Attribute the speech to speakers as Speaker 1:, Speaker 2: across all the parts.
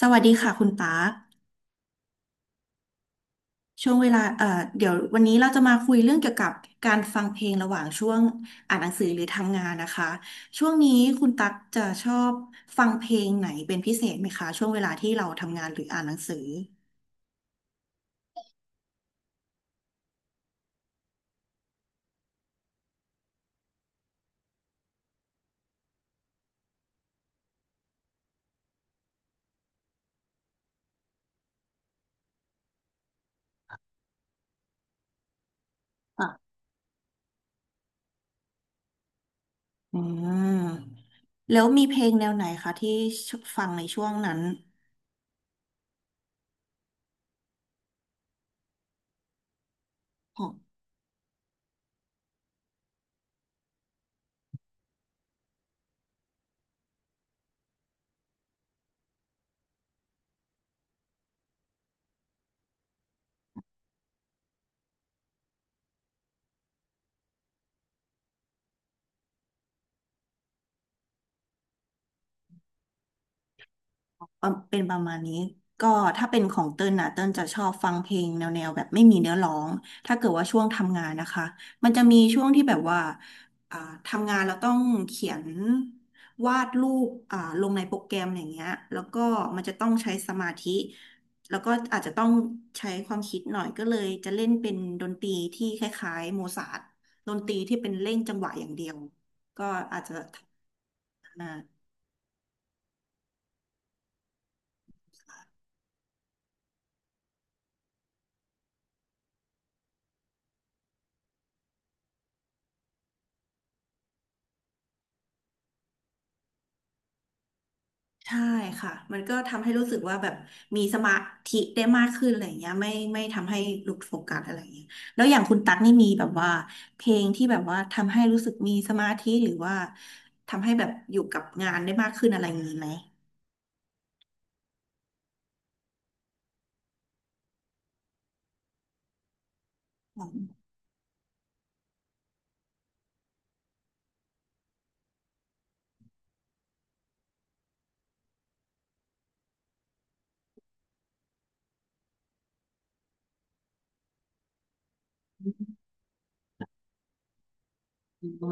Speaker 1: สวัสดีค่ะคุณปาร์คช่วงเวลาเดี๋ยววันนี้เราจะมาคุยเรื่องเกี่ยวกับการฟังเพลงระหว่างช่วงอ่านหนังสือหรือทำงานนะคะช่วงนี้คุณตั๊กจะชอบฟังเพลงไหนเป็นพิเศษไหมคะช่วงเวลาที่เราทำงานหรืออ่านหนังสืออ่ะอืมแล้วมีเพลงแนวไหนคะที่ฟังในช่วงนั้น ประมาณนี้ก็ถ้าเป็นของเติ้ลนะเติ้ลจะชอบฟังเพลงแนวแบบไม่มีเนื้อร้องถ้าเกิดว่าช่วงทำงานนะคะมันจะมีช่วงที่แบบว่าอ่าทำงานเราต้องเขียนวาดรูปลงในโปรแกรมอย่างเงี้ยแล้วก็มันจะต้องใช้สมาธิแล้วก็อาจจะต้องใช้ความคิดหน่อยก็เลยจะเล่นเป็นดนตรีที่คล้ายๆโมซาร์ทดนตรีที่เป็นเล่นจังหวะอย่างเดียวก็อาจจะทำา ใช่ค่ะ มันก็ทำให้รู้สึกว่าแบบมีสมาธิได้มากขึ้นอะไรอย่างเงี้ยไม่ทำให้หลุดโฟกัสอะไรอย่างเงี้ยแล้วอย่างคุณตั๊กนี่มีแบบว่าเพลงที่แบบว่าทำให้รู้สึกมีสมาธิหรือว่าทำให้แบบอยู่กับงานได้มากขึ้นอะไรอย่างงี้ไหมออ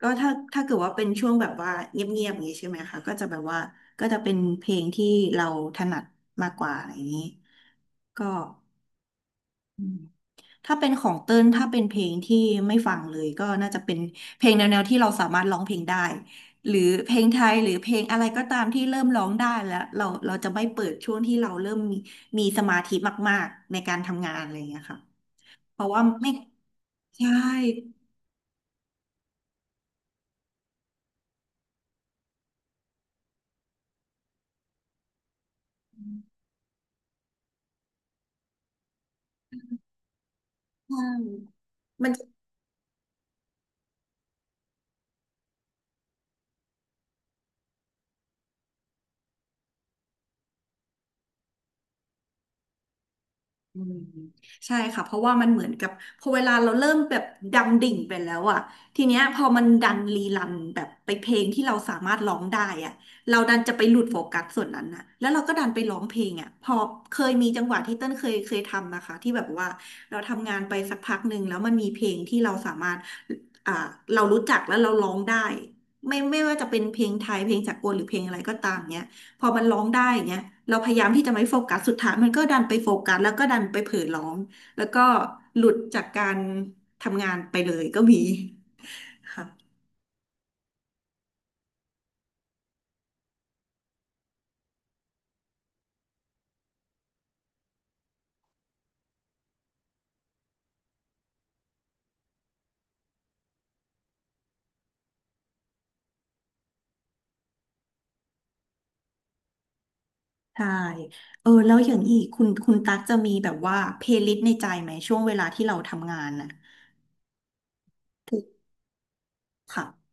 Speaker 1: ก็ถ้าเกิดว่าเป็นช่วงแบบว่าเงียบๆอย่างงี้ใช่ไหมคะก็จะแบบว่าก็จะเป็นเพลงที่เราถนัดมากกว่าอะไรอย่างงี้ก็ ถ้าเป็นของเติ้ลถ้าเป็นเพลงที่ไม่ฟังเลยก็น่าจะเป็นเพลงแนวๆที่เราสามารถร้องเพลงได้หรือเพลงไทยหรือเพลงอะไรก็ตามที่เริ่มร้องได้แล้วเราจะไม่เปิดช่วงที่เราเริ่มมีมีสมาธิมากๆในการทำงานอะไรอย่างเงี้ยค่ะเพราะว่าไม่ใช่ใช่มัน อืมใช่ค่ะเพราะว่ามันเหมือนกับพอเวลาเราเริ่มแบบดำดิ่งไปแล้วอะทีเนี้ยพอมันดันรีรันแบบไปเพลงที่เราสามารถร้องได้อะเราดันจะไปหลุดโฟกัสส่วนนั้นน่ะแล้วเราก็ดันไปร้องเพลงอะพอเคยมีจังหวะที่เต้นเคยทำนะคะที่แบบว่าเราทำงานไปสักพักหนึ่งแล้วมันมีเพลงที่เราสามารถอ่าเรารู้จักแล้วเราร้องได้ไม่ว่าจะเป็นเพลงไทยเพลงสากลหรือเพลงอะไรก็ตามเนี้ย พอมันร้องได้อย่างเงี้ยเราพยายามที่จะไม่โฟกัสสุดท้ายมันก็ดันไปโฟกัสแล้วก็ดันไปเผลอร้องแล้วก็หลุดจากการทำงานไปเลยก็มีค่ะใช่เออแล้วอย่างนี้คุณตั๊กจะมีแบบว่าเพลย์ลิสต์ในใจไหมช่วงเวลาที่เราทำงานน่ะถูกค่ะ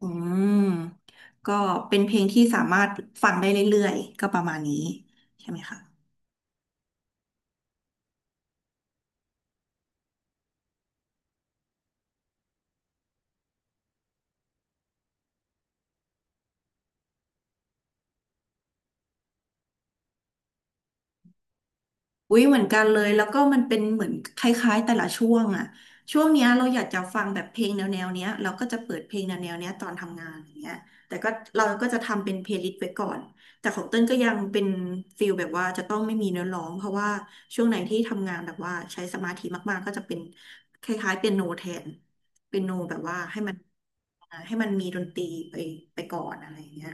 Speaker 1: อืมก็เป็นเพลงที่สามารถฟังได้เรื่อยๆก็ประมาณนี้ใช่ไหมคะ อุ๊ยเหมือนกันเลยแล้วก็มันเป็นเหมือนคล้ายๆแต่ละช่วงอะช่วงเนี้ยเราอยากจะฟังแบบเพลงแนวเนี้ยเราก็จะเปิดเพลงแนวเนี้ยตอนทำงานอย่างเงี้ยแต่ก็เราก็จะทำเป็นเพลย์ลิสต์ไว้ก่อนแต่ของเต้นก็ยังเป็นฟิลแบบว่าจะต้องไม่มีเนื้อร้องเพราะว่าช่วงไหนที่ทำงานแบบว่าใช้สมาธิมากๆก็จะเป็นคล้ายๆเปียโนแทนเปียโนแบบว่าให้มันมีดนตรีไปไปก่อนอะไรอย่างเงี้ย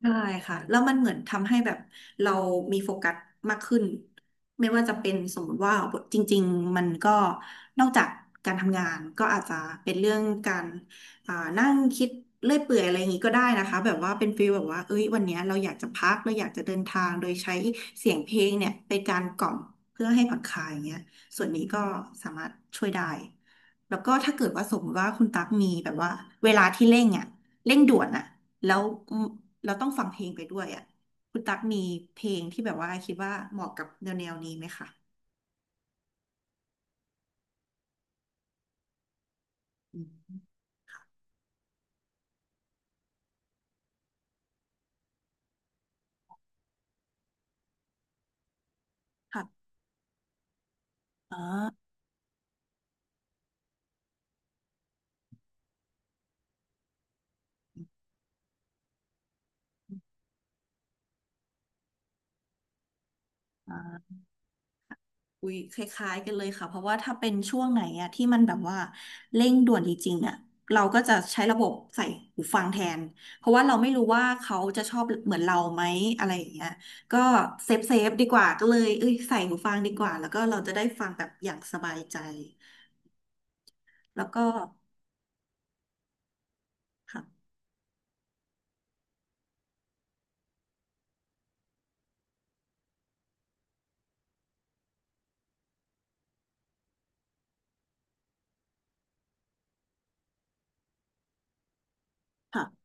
Speaker 1: ใช่ค่ะแล้วมันเหมือนทำให้แบบเรามีโฟกัสมากขึ้นไม่ว่าจะเป็นสมมติว่าจริงๆมันก็นอกจากการทำงานก็อาจจะเป็นเรื่องการนั่งคิดเลื่อยเปื่อยอะไรอย่างงี้ก็ได้นะคะแบบว่าเป็นฟีลแบบว่าเอ้ยวันเนี้ยเราอยากจะพักเราอยากจะเดินทางโดยใช้เสียงเพลงเนี่ยเป็นการกล่อมเพื่อให้ผ่อนคลายอย่างเงี้ยส่วนนี้ก็สามารถช่วยได้แล้วก็ถ้าเกิดว่าสมมติว่าคุณตั๊กมีแบบว่าเวลาที่เร่งอ่ะ เร่งด่วนอะแล้วอืมเราต้องฟังเพลงไปด้วยอะคุณตั๊กมีเพลงที่แบบว่าคิดว่าเหมาะกับแนวนี้ไหมคะอืมค่ะอ๋ออาอุ้ยคล้ายๆกันเลยค่ะเพราะว่าถ้าเป็นช่วงไหนอะที่มันแบบว่าเร่งด่วนจริงๆอะเราก็จะใช้ระบบใส่หูฟังแทนเพราะว่าเราไม่รู้ว่าเขาจะชอบเหมือนเราไหมอะไรอย่างเงี้ยก็เซฟดีกว่าก็เลยเอ้ยใส่หูฟังดีกว่าแล้วก็เราจะได้ฟังแบบอย่างสบายใจแล้วก็ค่ะค่ะ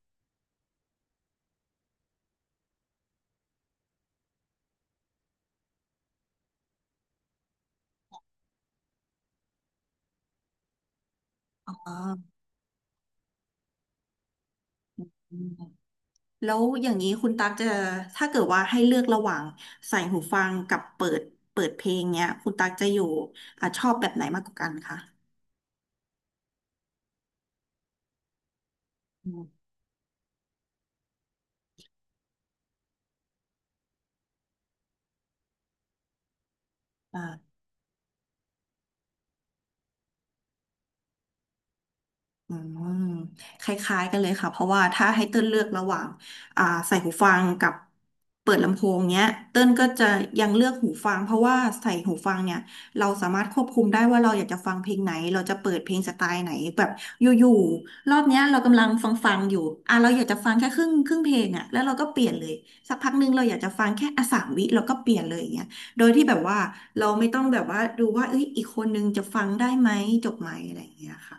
Speaker 1: อ๋อ อืมแล้วอย่างนี้คุณตั๊กจะถ้าเกิดว่าให้เลือกระหว่างใส่หูฟังกับเปิดเพลงเนี้ยคุณตั๊กจะอยู่อ่ะชอบแบบไหนมากกว่ากันคะอืมอ่า อืมคล้ายๆกันเลยค่ะเพราะว่าถ้าให้เติ้ลเลือกระหว่างใส่หูฟังกับเปิดลำโพงเนี้ยเติ้ลก็จะยังเลือกหูฟังเพราะว่าใส่หูฟังเนี่ยเราสามารถควบคุมได้ว่าเราอยากจะฟังเพลงไหนเราจะเปิดเพลงสไตล์ไหนแบบอยู่ๆรอบเนี้ยเรากำลังฟังอยู่อ่ะเราอยากจะฟังแค่ครึ่งเพลงอ่ะแล้วเราก็เปลี่ยนเลยสักพักหนึงเราอยากจะฟังแค่สามวิเราก็เปลี่ยนเลยอย่างเงี้ยโดยที่แบบว่าเราไม่ต้องแบบว่าดูว่าเอ้ยอีกคนนึงจะฟังได้ไหมจบไหมอะไรอย่างเงี้ยค่ะ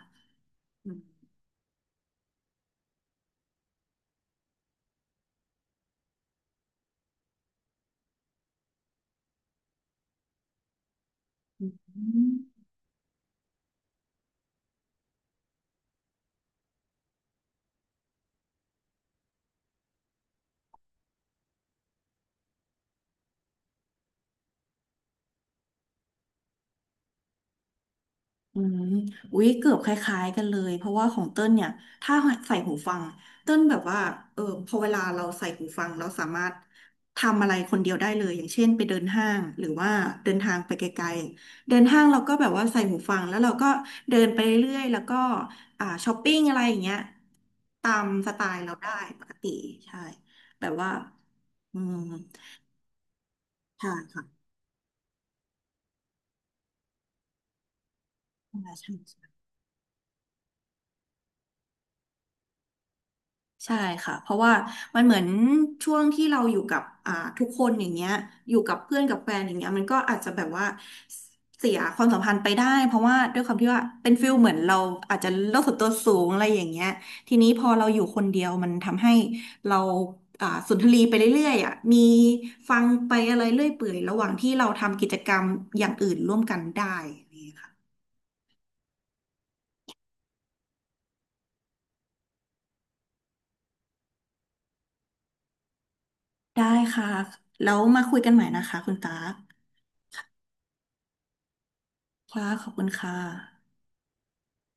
Speaker 1: อืมอืมอุ๊ยเกือบคล้ายๆกันเลย เพราะว่าของเติ้ลเนี่ยถ้าใส่หูฟัง เติ้ลแบบว่าเออพอเวลาเราใส่หูฟังเราสามารถทำอะไรคนเดียวได้เลยอย่างเช่นไปเดินห้างหรือว่าเดินทางไปไกลๆเดินห้างเราก็แบบว่าใส่หูฟังแล้วเราก็เดินไปเรื่อยๆ แล้วก็ช้อปปิ้งอะไรอย่างเงี้ยตามสไตล์เราได้ปกติใช่แบบว่าอืมใช่ค่ะใช่ใช่ ใช่ค่ะเพราะว่ามันเหมือนช่วงที่เราอยู่กับทุกคนอย่างเงี้ยอยู่กับเพื่อนกับแฟนอย่างเงี้ยมันก็อาจจะแบบว่าเสียความสัมพันธ์ไปได้เพราะว่าด้วยความที่ว่าเป็นฟิลเหมือนเราอาจจะโลกส่วนตัวสูงอะไรอย่างเงี้ยทีนี้พอเราอยู่คนเดียวมันทำให้เราสุนทรีไปเรื่อยๆอ่ะมีฟังไปอะไรเรื่อยเปื่อยระหว่างที่เราทำกิจกรรมอย่างอื่นร่วมกันได้นี่ค่ะได้ค่ะแล้วมาคุยกันใหม่นะคะคุณตาค่ะขอบคุณค่ะ